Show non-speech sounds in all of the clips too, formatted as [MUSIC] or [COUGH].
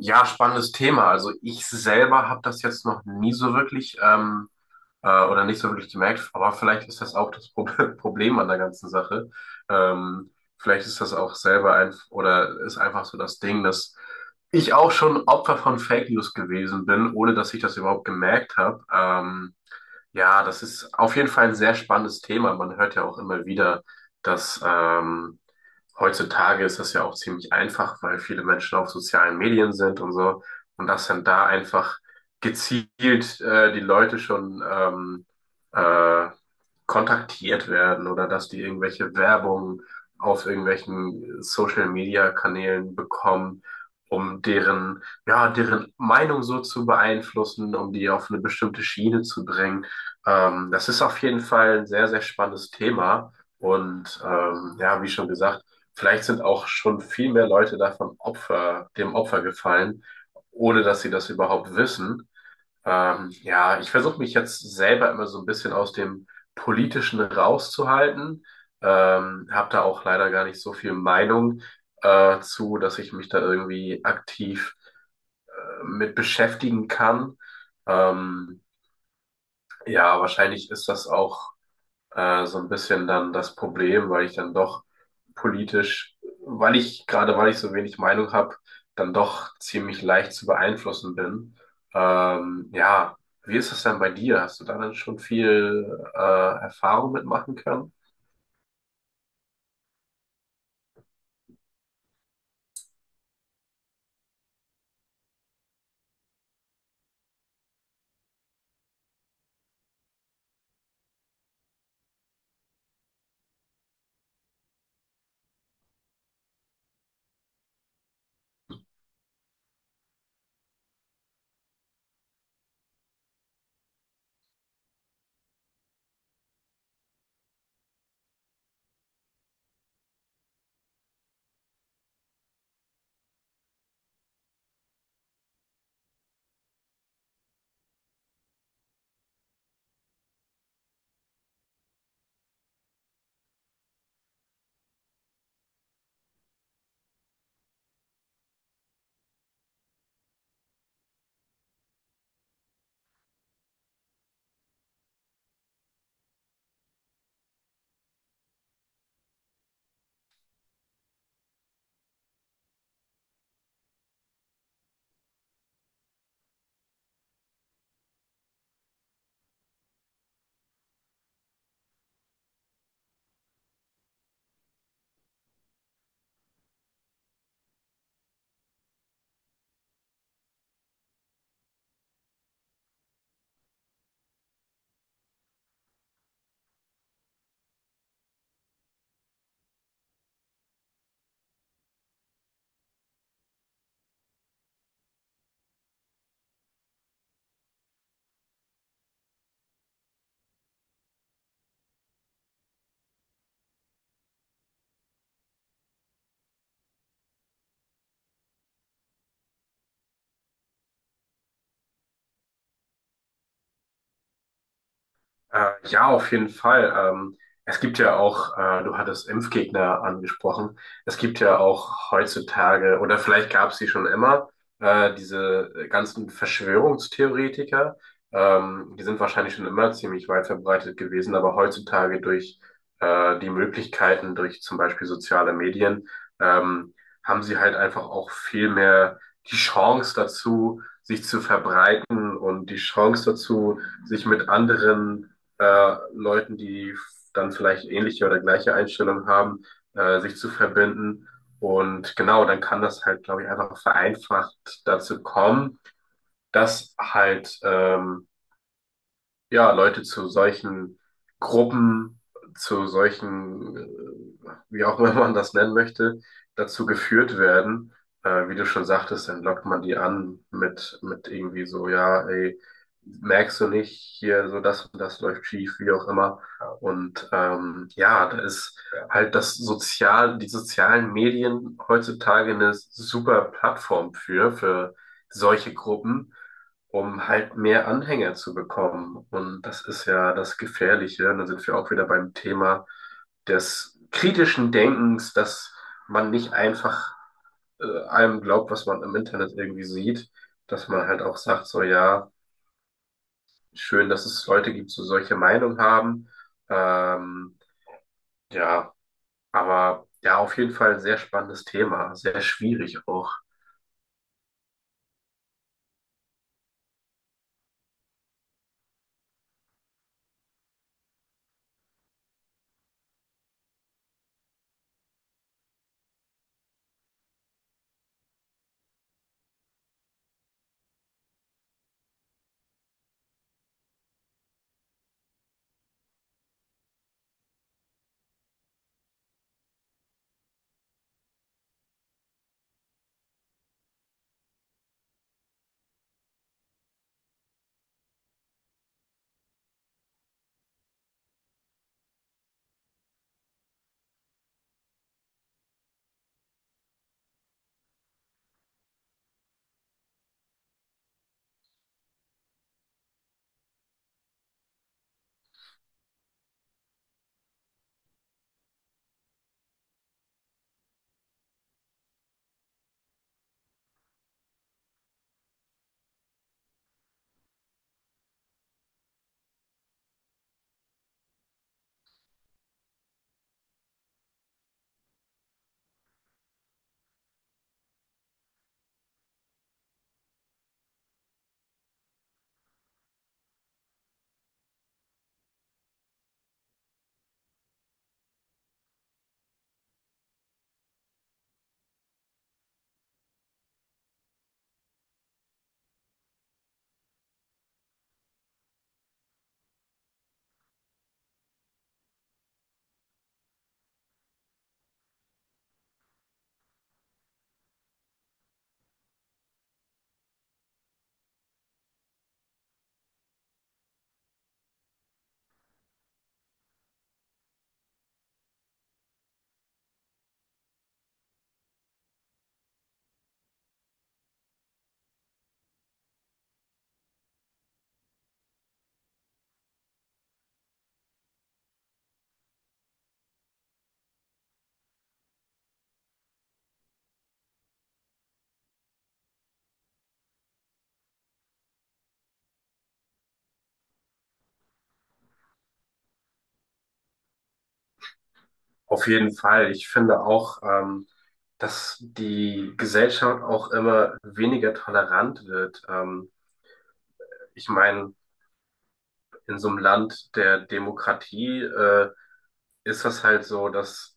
Ja, spannendes Thema. Also ich selber habe das jetzt noch nie so wirklich oder nicht so wirklich gemerkt, aber vielleicht ist das auch das Pro [LAUGHS] Problem an der ganzen Sache. Ähm, Vielleicht ist das auch selber ein oder ist einfach so das Ding, dass ich auch schon Opfer von Fake News gewesen bin, ohne dass ich das überhaupt gemerkt habe. Ja, das ist auf jeden Fall ein sehr spannendes Thema. Man hört ja auch immer wieder, dass heutzutage ist das ja auch ziemlich einfach, weil viele Menschen auf sozialen Medien sind und so. Und dass dann da einfach gezielt die Leute schon äh, kontaktiert werden oder dass die irgendwelche Werbung auf irgendwelchen Social-Media-Kanälen bekommen, um deren, ja, deren Meinung so zu beeinflussen, um die auf eine bestimmte Schiene zu bringen. Das ist auf jeden Fall ein sehr, sehr spannendes Thema. Und ja, wie schon gesagt, vielleicht sind auch schon viel mehr Leute davon Opfer, dem Opfer gefallen, ohne dass sie das überhaupt wissen. Ja, ich versuche mich jetzt selber immer so ein bisschen aus dem Politischen rauszuhalten. Habe da auch leider gar nicht so viel Meinung zu, dass ich mich da irgendwie aktiv mit beschäftigen kann. Ähm, ja, wahrscheinlich ist das auch so ein bisschen dann das Problem, weil ich dann doch politisch, weil ich, gerade weil ich so wenig Meinung habe, dann doch ziemlich leicht zu beeinflussen bin. Ja, wie ist das denn bei dir? Hast du da dann schon viel äh, Erfahrung mitmachen können? Ja, auf jeden Fall. Es gibt ja auch, du hattest Impfgegner angesprochen. Es gibt ja auch heutzutage, oder vielleicht gab es sie schon immer, diese ganzen Verschwörungstheoretiker. Die sind wahrscheinlich schon immer ziemlich weit verbreitet gewesen, aber heutzutage durch die Möglichkeiten, durch zum Beispiel soziale Medien, ähm, haben sie halt einfach auch viel mehr die Chance dazu, sich zu verbreiten und die Chance dazu, sich mit anderen Leuten, die dann vielleicht ähnliche oder gleiche Einstellungen haben, sich zu verbinden. Und genau, dann kann das halt, glaube ich, einfach vereinfacht dazu kommen, dass halt ja, Leute zu solchen Gruppen, zu solchen, wie auch immer man das nennen möchte, dazu geführt werden. Wie du schon sagtest, dann lockt man die an mit irgendwie so, ja, ey, merkst du nicht, hier so das und das läuft schief, wie auch immer. Und ja, da ist halt das Sozial, die sozialen Medien heutzutage eine super Plattform für solche Gruppen um halt mehr Anhänger zu bekommen. Und das ist ja das Gefährliche. Und dann sind wir auch wieder beim Thema des kritischen Denkens, dass man nicht einfach allem glaubt, was man im Internet irgendwie sieht, dass man halt auch sagt, so ja, schön, dass es Leute gibt, die solche Meinung haben. Ähm, ja, aber ja, auf jeden Fall ein sehr spannendes Thema, sehr schwierig auch. Auf jeden Fall. Ich finde auch, dass die Gesellschaft auch immer weniger tolerant wird. Ich meine, in so einem Land der Demokratie, ist das halt so, dass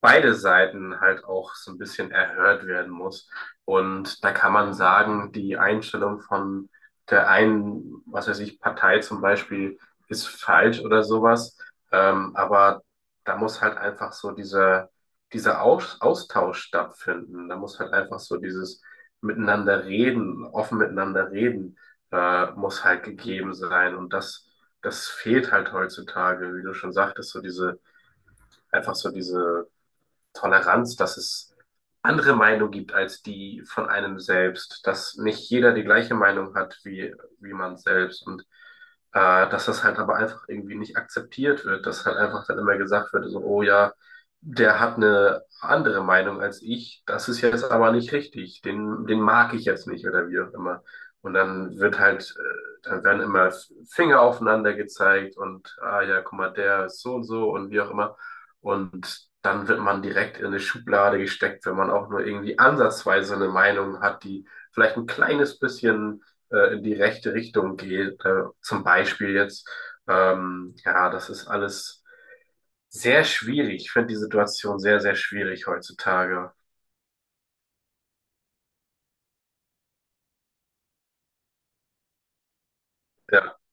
beide Seiten halt auch so ein bisschen erhört werden muss. Und da kann man sagen, die Einstellung von der einen, was weiß ich, Partei zum Beispiel ist falsch oder sowas. Aber da muss halt einfach so dieser, dieser Aus Austausch stattfinden. Da muss halt einfach so dieses Miteinander reden, offen miteinander reden, muss halt gegeben sein. Und das, das fehlt halt heutzutage, wie du schon sagtest, so diese, einfach so diese Toleranz, dass es andere Meinungen gibt als die von einem selbst, dass nicht jeder die gleiche Meinung hat wie, wie man selbst und dass das halt aber einfach irgendwie nicht akzeptiert wird, dass halt einfach dann immer gesagt wird, so, oh ja, der hat eine andere Meinung als ich, das ist jetzt aber nicht richtig, den, den mag ich jetzt nicht oder wie auch immer. Und dann wird halt, dann werden immer Finger aufeinander gezeigt und, ah ja, guck mal, der ist so und so und wie auch immer. Und dann wird man direkt in eine Schublade gesteckt, wenn man auch nur irgendwie ansatzweise eine Meinung hat, die vielleicht ein kleines bisschen in die rechte Richtung geht. Zum Beispiel jetzt, ja, das ist alles sehr schwierig. Ich finde die Situation sehr, sehr schwierig heutzutage. Ja.